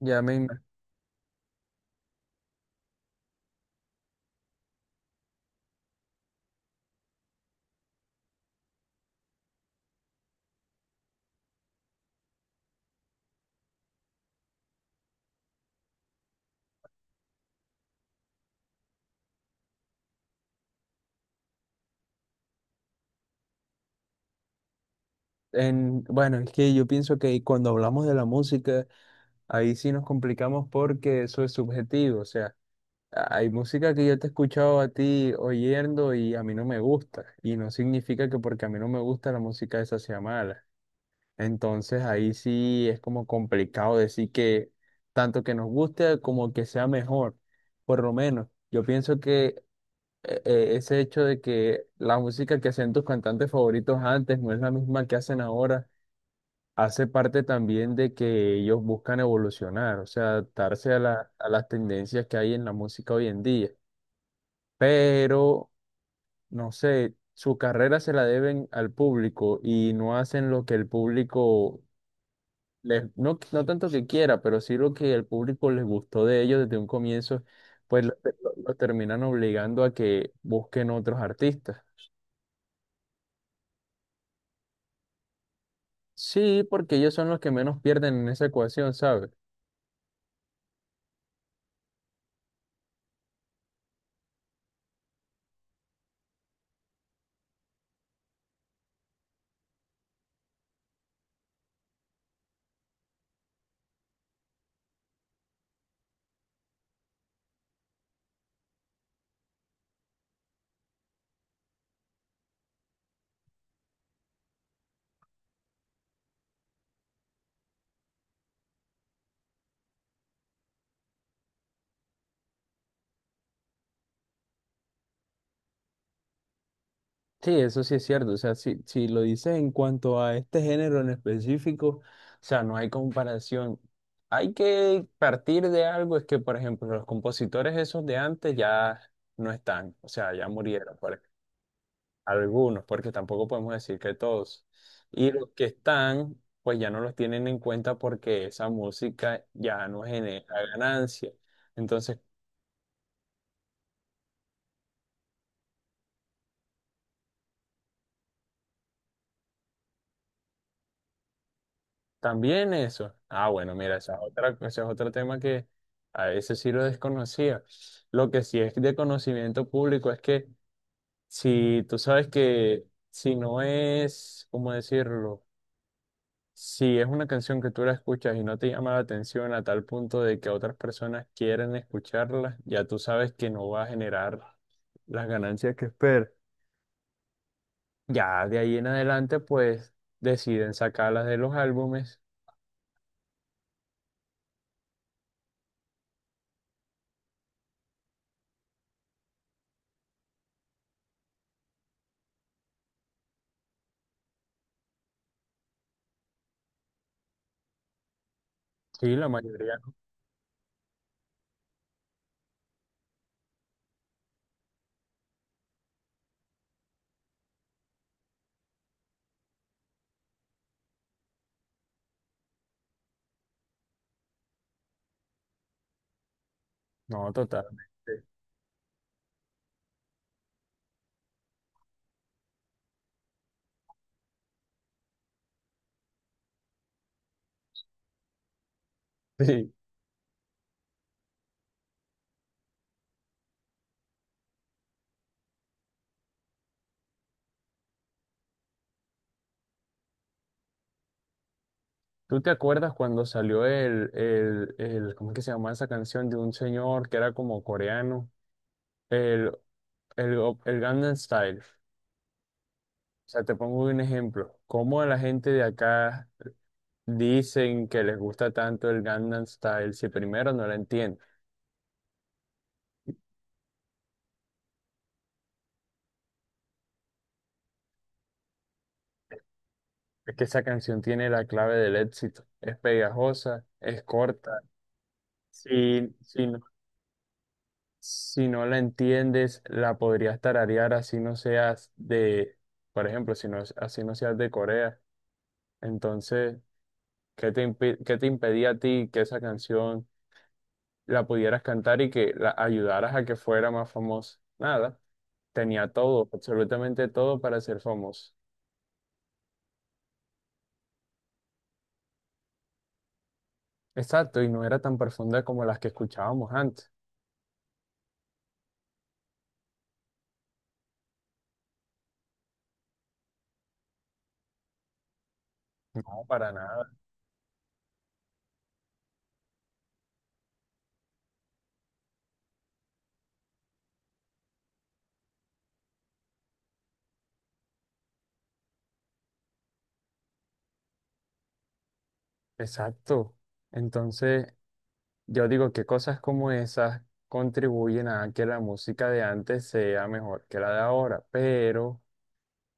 Ya me, ima- bueno, es que yo pienso que cuando hablamos de la música, ahí sí nos complicamos porque eso es subjetivo. O sea, hay música que yo te he escuchado a ti oyendo y a mí no me gusta. Y no significa que porque a mí no me gusta la música esa sea mala. Entonces ahí sí es como complicado decir que tanto que nos guste como que sea mejor. Por lo menos, yo pienso que ese hecho de que la música que hacían tus cantantes favoritos antes no es la misma que hacen ahora hace parte también de que ellos buscan evolucionar, o sea, adaptarse a a las tendencias que hay en la música hoy en día. Pero, no sé, su carrera se la deben al público y no hacen lo que el público les, no, no tanto que quiera, pero sí lo que el público les gustó de ellos desde un comienzo, pues los terminan obligando a que busquen otros artistas. Sí, porque ellos son los que menos pierden en esa ecuación, ¿sabes? Sí, eso sí es cierto. O sea, si lo dices en cuanto a este género en específico, o sea, no hay comparación. Hay que partir de algo, es que, por ejemplo, los compositores esos de antes ya no están, o sea, ya murieron, algunos, porque tampoco podemos decir que todos. Y los que están, pues ya no los tienen en cuenta porque esa música ya no genera ganancia. Entonces, también eso. Ah, bueno, mira, esa es otra, ese es otro tema que a veces sí lo desconocía. Lo que sí es de conocimiento público es que si tú sabes que si no es, ¿cómo decirlo? Si es una canción que tú la escuchas y no te llama la atención a tal punto de que otras personas quieren escucharla, ya tú sabes que no va a generar las ganancias que esperas. Ya de ahí en adelante, pues deciden sacarlas de los álbumes. Sí, la mayoría no, no, totalmente. Sí. ¿Tú te acuerdas cuando salió ¿cómo es que se llamaba esa canción de un señor que era como coreano? El, el, el Gangnam Style. O sea, te pongo un ejemplo. ¿Cómo la gente de acá dicen que les gusta tanto el Gangnam Style si primero no la entienden? Es que esa canción tiene la clave del éxito. Es pegajosa, es corta. Sí, sí, no. Si no la entiendes, la podrías tararear así no seas de, por ejemplo, si no, así no seas de Corea. Entonces, ¿qué te impedía a ti que esa canción la pudieras cantar y que la ayudaras a que fuera más famosa? Nada, tenía todo, absolutamente todo para ser famoso. Exacto, y no era tan profunda como las que escuchábamos antes. No, para nada. Exacto. Entonces, yo digo que cosas como esas contribuyen a que la música de antes sea mejor que la de ahora, pero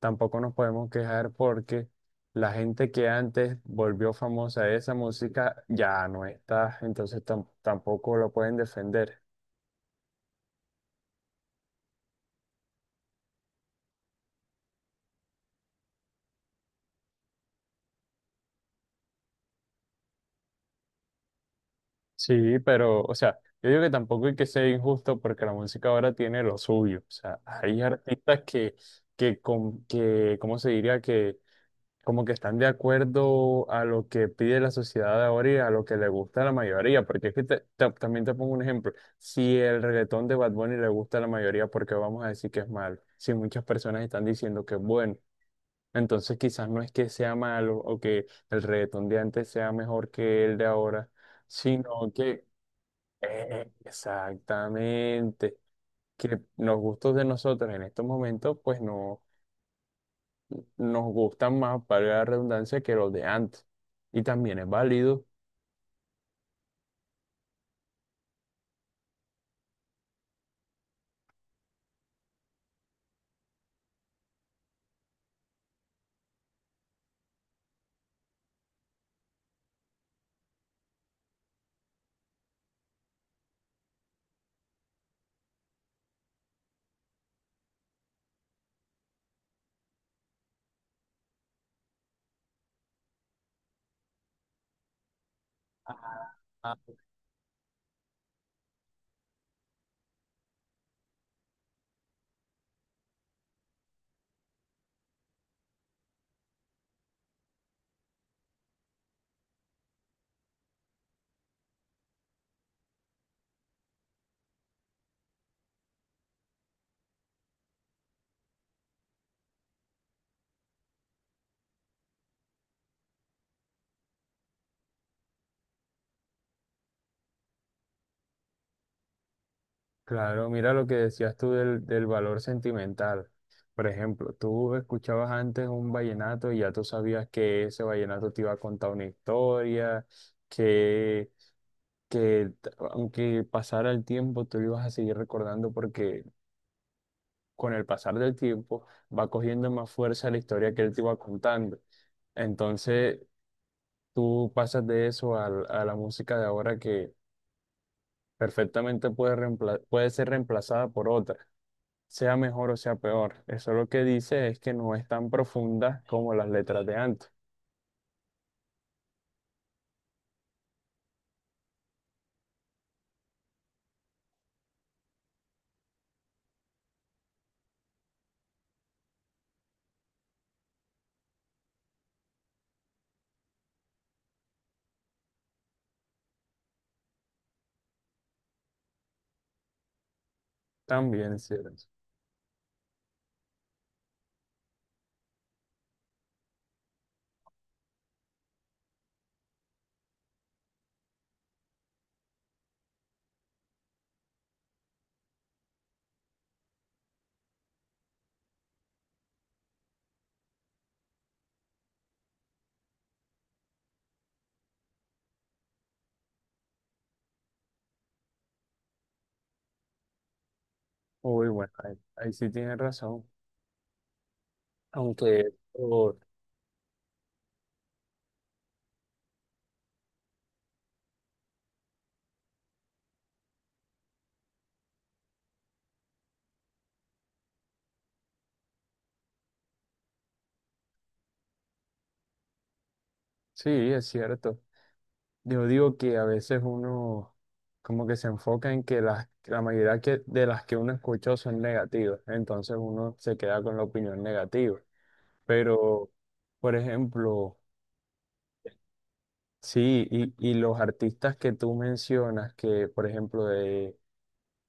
tampoco nos podemos quejar porque la gente que antes volvió famosa de esa música ya no está, entonces tampoco lo pueden defender. Sí, pero, o sea, yo digo que tampoco hay que ser injusto porque la música ahora tiene lo suyo, o sea, hay artistas que, ¿cómo se diría? Como que están de acuerdo a lo que pide la sociedad de ahora y a lo que le gusta a la mayoría, porque es que también te pongo un ejemplo, si el reggaetón de Bad Bunny le gusta a la mayoría, ¿por qué vamos a decir que es malo? Si muchas personas están diciendo que es bueno, entonces quizás no es que sea malo o que el reggaetón de antes sea mejor que el de ahora, sino que exactamente que los gustos de nosotros en estos momentos pues no nos gustan más, para la redundancia, que los de antes. Y también es válido. Ah, Claro, mira lo que decías tú del, del valor sentimental. Por ejemplo, tú escuchabas antes un vallenato y ya tú sabías que ese vallenato te iba a contar una historia, que, que aunque pasara el tiempo, tú lo ibas a seguir recordando porque con el pasar del tiempo va cogiendo más fuerza la historia que él te iba contando. Entonces, tú pasas de eso a la música de ahora que perfectamente puede ser reemplazada por otra, sea mejor o sea peor. Eso lo que dice es que no es tan profunda como las letras de antes. También es cierto. Uy, bueno, ahí, ahí sí tienes razón. Aunque oh, sí, es cierto. Yo digo que a veces uno como que se enfoca en que la mayoría que, de las que uno escuchó son negativas. Entonces uno se queda con la opinión negativa. Pero, por ejemplo, sí, y los artistas que tú mencionas, que por ejemplo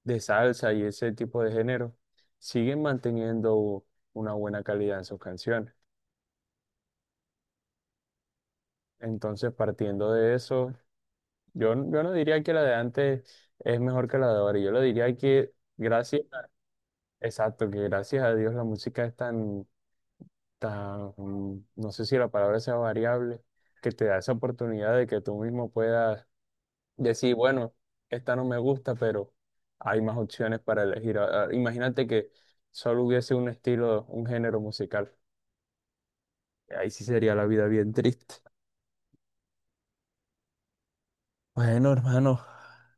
de salsa y ese tipo de género, siguen manteniendo una buena calidad en sus canciones. Entonces, partiendo de eso, yo no diría que la de antes es mejor que la de ahora. Yo lo diría que gracias, exacto, que gracias a Dios la música es tan, tan, no sé si la palabra sea variable, que te da esa oportunidad de que tú mismo puedas decir, bueno, esta no me gusta, pero hay más opciones para elegir. Imagínate que solo hubiese un estilo, un género musical. Ahí sí sería la vida bien triste. Bueno, hermano,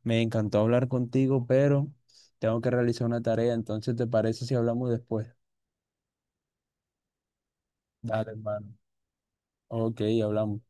me encantó hablar contigo, pero tengo que realizar una tarea, entonces ¿te parece si hablamos después? Dale, hermano. Ok, hablamos.